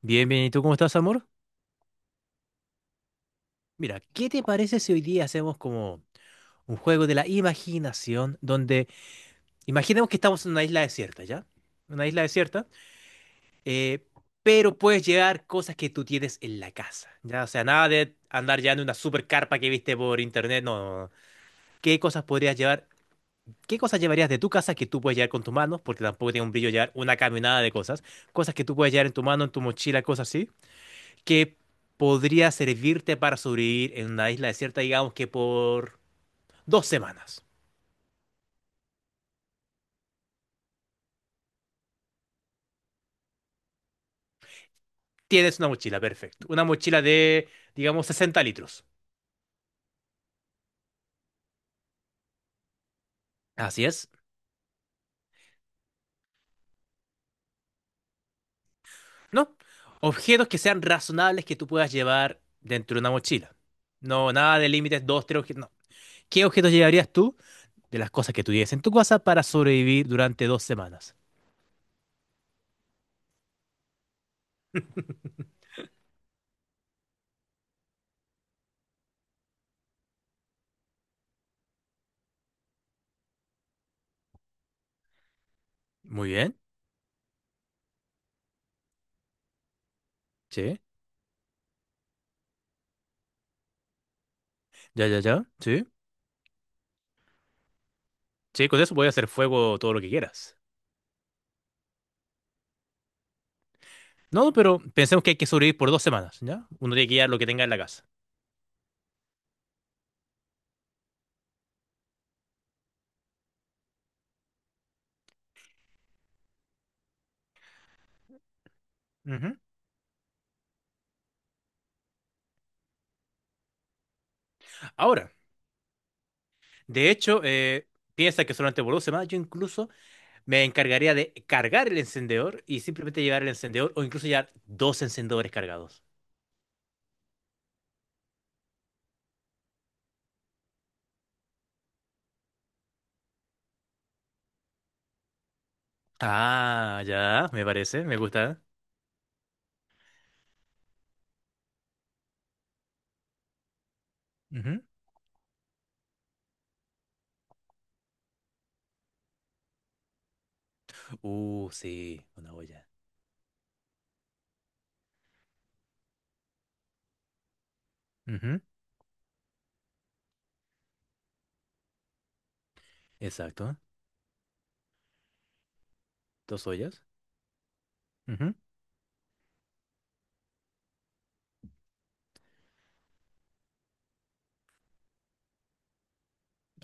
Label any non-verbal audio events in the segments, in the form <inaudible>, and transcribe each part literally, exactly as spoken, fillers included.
Bien, bien, ¿y tú cómo estás, amor? Mira, ¿qué te parece si hoy día hacemos como un juego de la imaginación donde imaginemos que estamos en una isla desierta, ya? Una isla desierta, eh, pero puedes llevar cosas que tú tienes en la casa, ¿ya? O sea, nada de andar llevando una super carpa que viste por internet, no, no, no. ¿Qué cosas podrías llevar? ¿Qué cosas llevarías de tu casa que tú puedes llevar con tus manos? Porque tampoco tiene un brillo llevar una caminada de cosas. Cosas que tú puedes llevar en tu mano, en tu mochila, cosas así, que podría servirte para sobrevivir en una isla desierta, digamos que por dos semanas. Tienes una mochila, perfecto. Una mochila de, digamos, sesenta litros. Así es. No. Objetos que sean razonables que tú puedas llevar dentro de una mochila. No, nada de límites, dos, tres objetos. No. ¿Qué objetos llevarías tú de las cosas que tuvieras en tu casa para sobrevivir durante dos semanas? Muy bien. Sí. Ya, ya, ya. Sí. Sí, con eso puedes hacer fuego todo lo que quieras. No, pero pensemos que hay que sobrevivir por dos semanas, ¿ya? Uno tiene que llevar lo que tenga en la casa. Ujú. Ahora, de hecho, eh, piensa que solamente por dos semanas yo incluso me encargaría de cargar el encendedor y simplemente llevar el encendedor o incluso llevar dos encendedores cargados. Ah, ya, me parece, me gusta. Ujú. Uh, sí, una olla. Ujú. Exacto, dos ollas. Ujú.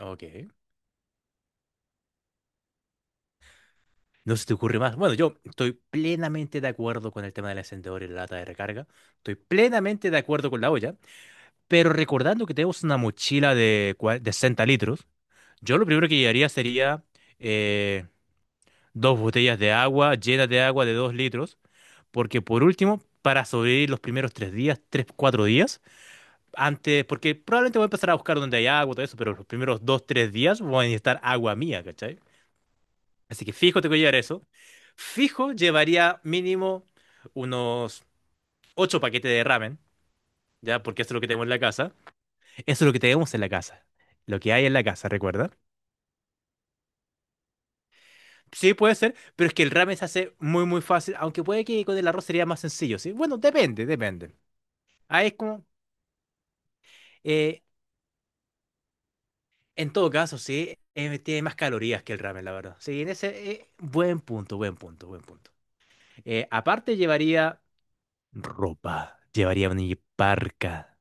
Ok. No se te ocurre más. Bueno, yo estoy plenamente de acuerdo con el tema del encendedor y la lata de recarga. Estoy plenamente de acuerdo con la olla. Pero recordando que tenemos una mochila de, cua- de 60 litros, yo lo primero que llevaría sería eh, dos botellas de agua, llenas de agua de dos litros, porque por último, para sobrevivir los primeros tres días, tres cuatro días, antes, porque probablemente voy a empezar a buscar donde hay agua, todo eso, pero los primeros dos tres días voy a necesitar agua mía, ¿cachai? Así que fijo tengo que llevar eso. Fijo llevaría mínimo unos ocho paquetes de ramen, ¿ya? Porque eso es lo que tengo en la casa. Eso es lo que tenemos en la casa. Lo que hay en la casa, ¿recuerda? Sí, puede ser, pero es que el ramen se hace muy, muy fácil, aunque puede que con el arroz sería más sencillo, ¿sí? Bueno, depende, depende. Ahí es como, eh, en todo caso, sí, eh, tiene más calorías que el ramen, la verdad. Sí, en ese, eh, buen punto, buen punto, buen punto. Eh, aparte llevaría ropa, llevaría mi parca,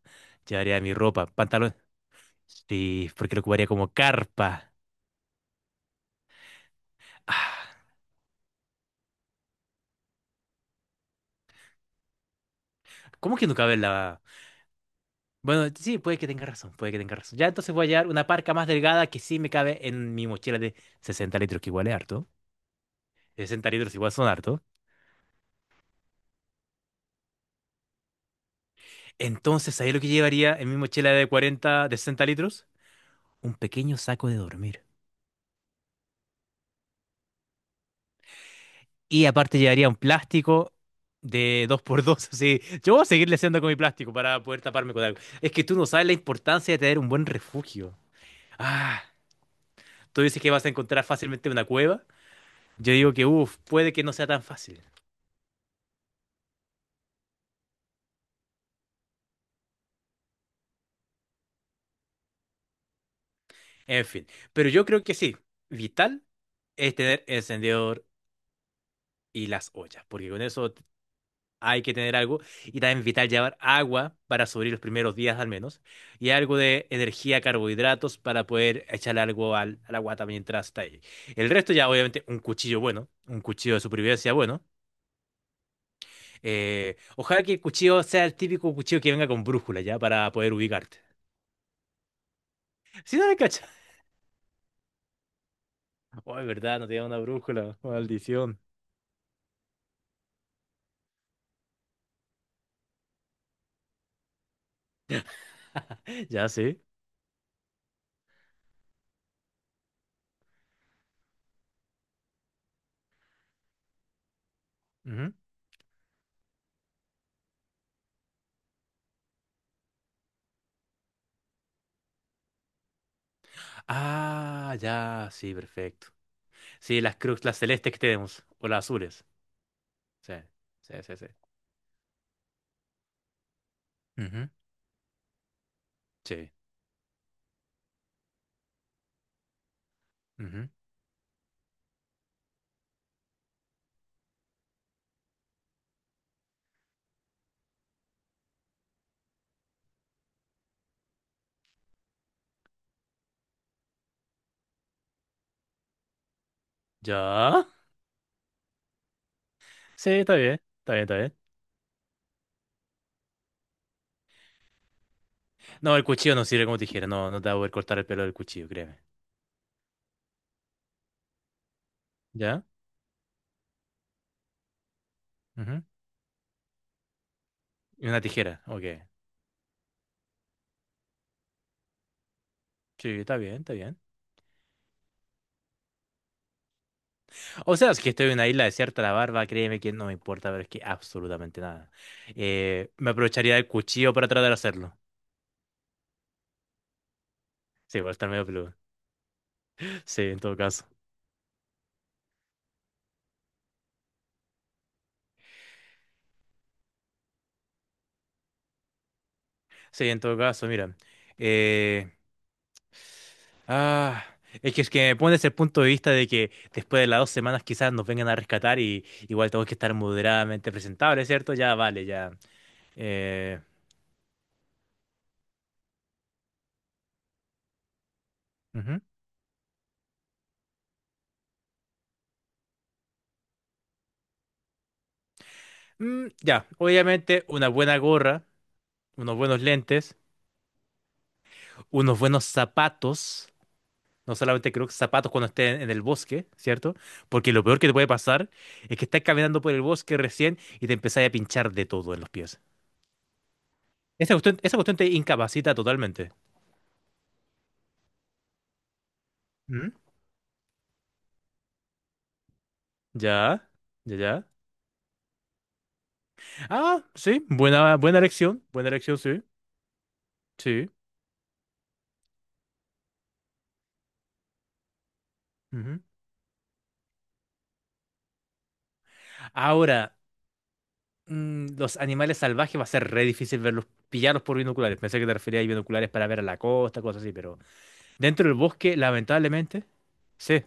llevaría mi ropa, pantalón. Sí, porque lo ocuparía como carpa. Ah, ¿cómo que no cabe en la? Bueno, sí, puede que tenga razón, puede que tenga razón. Ya entonces voy a llevar una parca más delgada que sí me cabe en mi mochila de sesenta litros, que igual es harto. Sesenta litros igual son harto. Entonces, ahí lo que llevaría en mi mochila de cuarenta, de sesenta litros. Un pequeño saco de dormir. Y aparte llevaría un plástico de dos por dos. <laughs> Así. Yo voy a seguirle haciendo con mi plástico para poder taparme con algo. Es que tú no sabes la importancia de tener un buen refugio. Ah, tú dices que vas a encontrar fácilmente una cueva. Yo digo que, uff, puede que no sea tan fácil. En fin, pero yo creo que sí, vital es tener encendedor y las ollas, porque con eso t- hay que tener algo, y también vital llevar agua para sobrevivir los primeros días al menos y algo de energía, carbohidratos para poder echar algo al, a la guata mientras está ahí. El resto ya obviamente un cuchillo bueno, un cuchillo de supervivencia bueno. Eh, ojalá que el cuchillo sea el típico cuchillo que venga con brújula ya para poder ubicarte. <laughs> Si no le cachas. Oh, es verdad, no tenía una brújula, maldición. Ya, sí. Ah, ya, sí, perfecto. Sí, las crux, las celestes que tenemos, o las azules. Sí, sí, sí, sí. Ujú. Sí. Ujú. ¿Ya? Sí, está bien, está bien, está bien. No, el cuchillo no sirve como tijera, no, no te va a poder cortar el pelo del cuchillo, créeme. ¿Ya? Ujú. Y una tijera, ok. Sí, está bien, está bien. O sea, si es que estoy en una isla desierta, la barba, créeme que no me importa, pero es que absolutamente nada. Eh, me aprovecharía del cuchillo para tratar de hacerlo. Sí, va a estar medio peludo. Sí, en todo caso. Sí, en todo caso, mira. eh, ah, es que, es que me pones el punto de vista de que después de las dos semanas quizás nos vengan a rescatar y igual tengo que estar moderadamente presentable, ¿cierto? Ya, vale, ya. Eh, ujú. Mm, ya, obviamente una buena gorra, unos buenos lentes, unos buenos zapatos. No solamente creo que zapatos cuando estés en el bosque, ¿cierto? Porque lo peor que te puede pasar es que estás caminando por el bosque recién y te empezás a pinchar de todo en los pies. Esa cuestión, esa cuestión te incapacita totalmente. Mm. Ya, ya, ya. Ah, sí, buena, buena elección, buena elección, sí, sí. Ujú. Ahora, mm, los animales salvajes va a ser re difícil verlos, pillarlos por binoculares. Pensé que te referías a binoculares para ver a la costa, cosas así, pero dentro del bosque, lamentablemente, sí.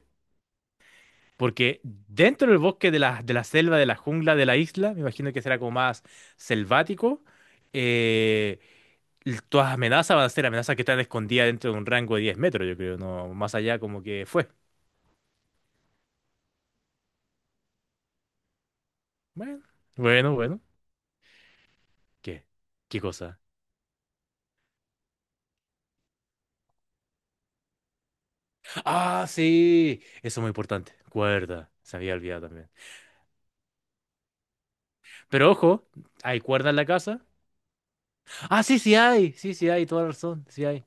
Porque dentro del bosque de la, de la selva, de la jungla, de la isla, me imagino que será como más selvático, eh, l- todas las amenazas van a ser amenazas que están escondidas dentro de un rango de diez metros, yo creo, no más allá como que fue. Bueno, bueno, bueno. ¿Qué? ¿Qué cosa? Ah, sí. Eso es muy importante. Cuerda. Se había olvidado también. Pero ojo, ¿hay cuerda en la casa? Ah, sí, sí hay. Sí, sí hay. Toda la razón. Sí hay.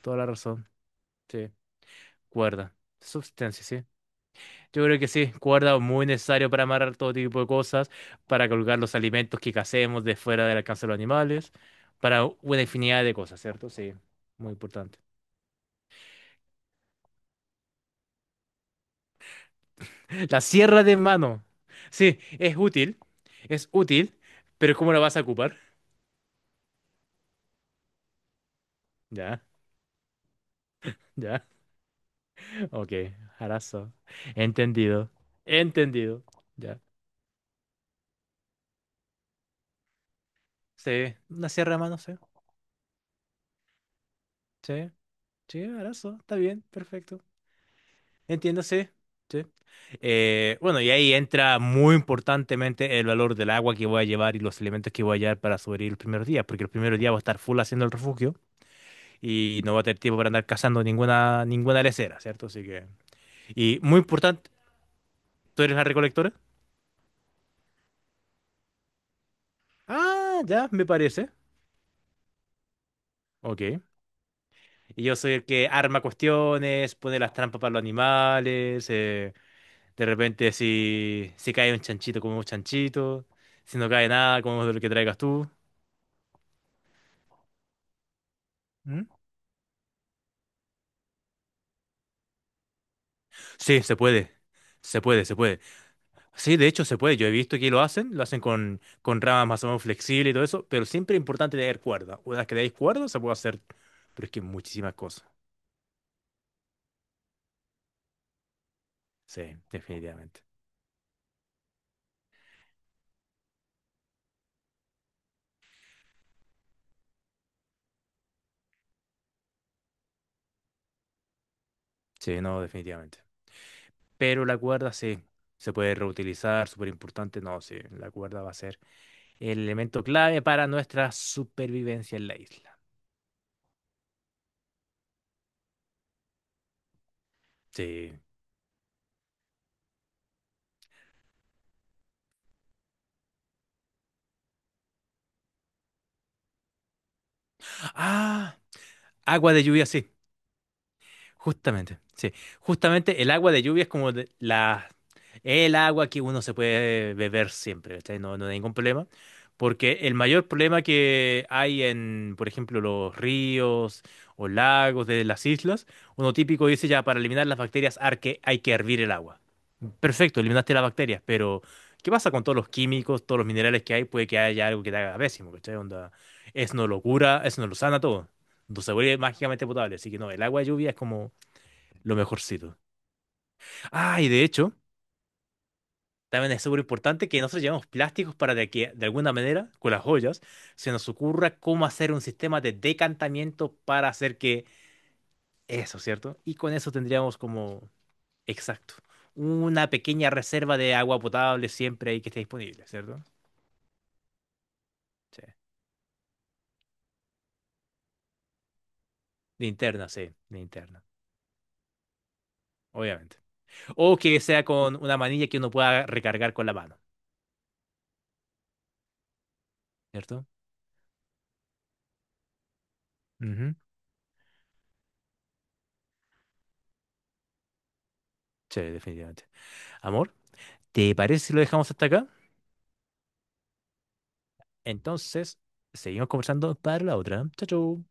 Toda la razón. Sí. Cuerda. Substancia, sí. Yo creo que sí. Cuerda muy necesario para amarrar todo tipo de cosas, para colgar los alimentos que cacemos de fuera del alcance de los animales, para una infinidad de cosas, ¿cierto? Sí. Muy importante. La sierra de mano. Sí, es útil. Es útil. Pero ¿cómo la vas a ocupar? Ya, ya. Ok, harazo. Entendido. Entendido. Ya. Sí, una sierra de mano, sí. Sí, sí, harazo. Está bien, perfecto. Entiendo, sí. Sí. Eh, bueno, y ahí entra muy importantemente el valor del agua que voy a llevar y los elementos que voy a llevar para sobrevivir los primeros días, porque los primeros días voy a estar full haciendo el refugio y no voy a tener tiempo para andar cazando ninguna, ninguna lesera, ¿cierto? Así que. Y muy importante, ¿tú eres la recolectora? Ah, ya, me parece. Ok. Y yo soy el que arma cuestiones, pone las trampas para los animales. eh, de repente, si, si cae un chanchito, comemos chanchito. Si no cae nada, comemos lo que traigas tú. ¿Mm? Sí, se puede. Se puede, se puede. Sí, de hecho, se puede. Yo he visto que lo hacen. Lo hacen con, con ramas más o menos flexibles y todo eso. Pero siempre es importante tener cuerda. Una vez que tenéis cuerda, se puede hacer. Pero es que muchísimas cosas. Sí, definitivamente. Sí, no, definitivamente. Pero la cuerda sí, se puede reutilizar, súper importante. No, sí, la cuerda va a ser el elemento clave para nuestra supervivencia en la isla. Sí. Ah, agua de lluvia, sí. Justamente, sí. Justamente el agua de lluvia es como de- la, el agua que uno se puede beber siempre, ¿cachai? No, no hay ningún problema. Porque el mayor problema que hay en, por ejemplo, los ríos o lagos de las islas, uno típico dice ya, para eliminar las bacterias hay que, hay que hervir el agua. Perfecto, eliminaste las bacterias, pero ¿qué pasa con todos los químicos, todos los minerales que hay? Puede que haya algo que te haga pésimo, ¿cachai? Onda, eso no lo cura, eso no lo sana todo. No se vuelve mágicamente potable. Así que no, el agua de lluvia es como lo mejorcito. Ah, y de hecho, también es súper importante que nosotros llevemos plásticos para de que, de alguna manera, con las joyas, se nos ocurra cómo hacer un sistema de decantamiento para hacer que eso, ¿cierto? Y con eso tendríamos como, exacto, una pequeña reserva de agua potable siempre ahí que esté disponible, ¿cierto? Sí. Linterna, sí, linterna, obviamente. O que sea con una manilla que uno pueda recargar con la mano, ¿cierto? Ujú. Sí, definitivamente. Amor, ¿te parece si lo dejamos hasta acá? Entonces, seguimos conversando para la otra. Chau, chau.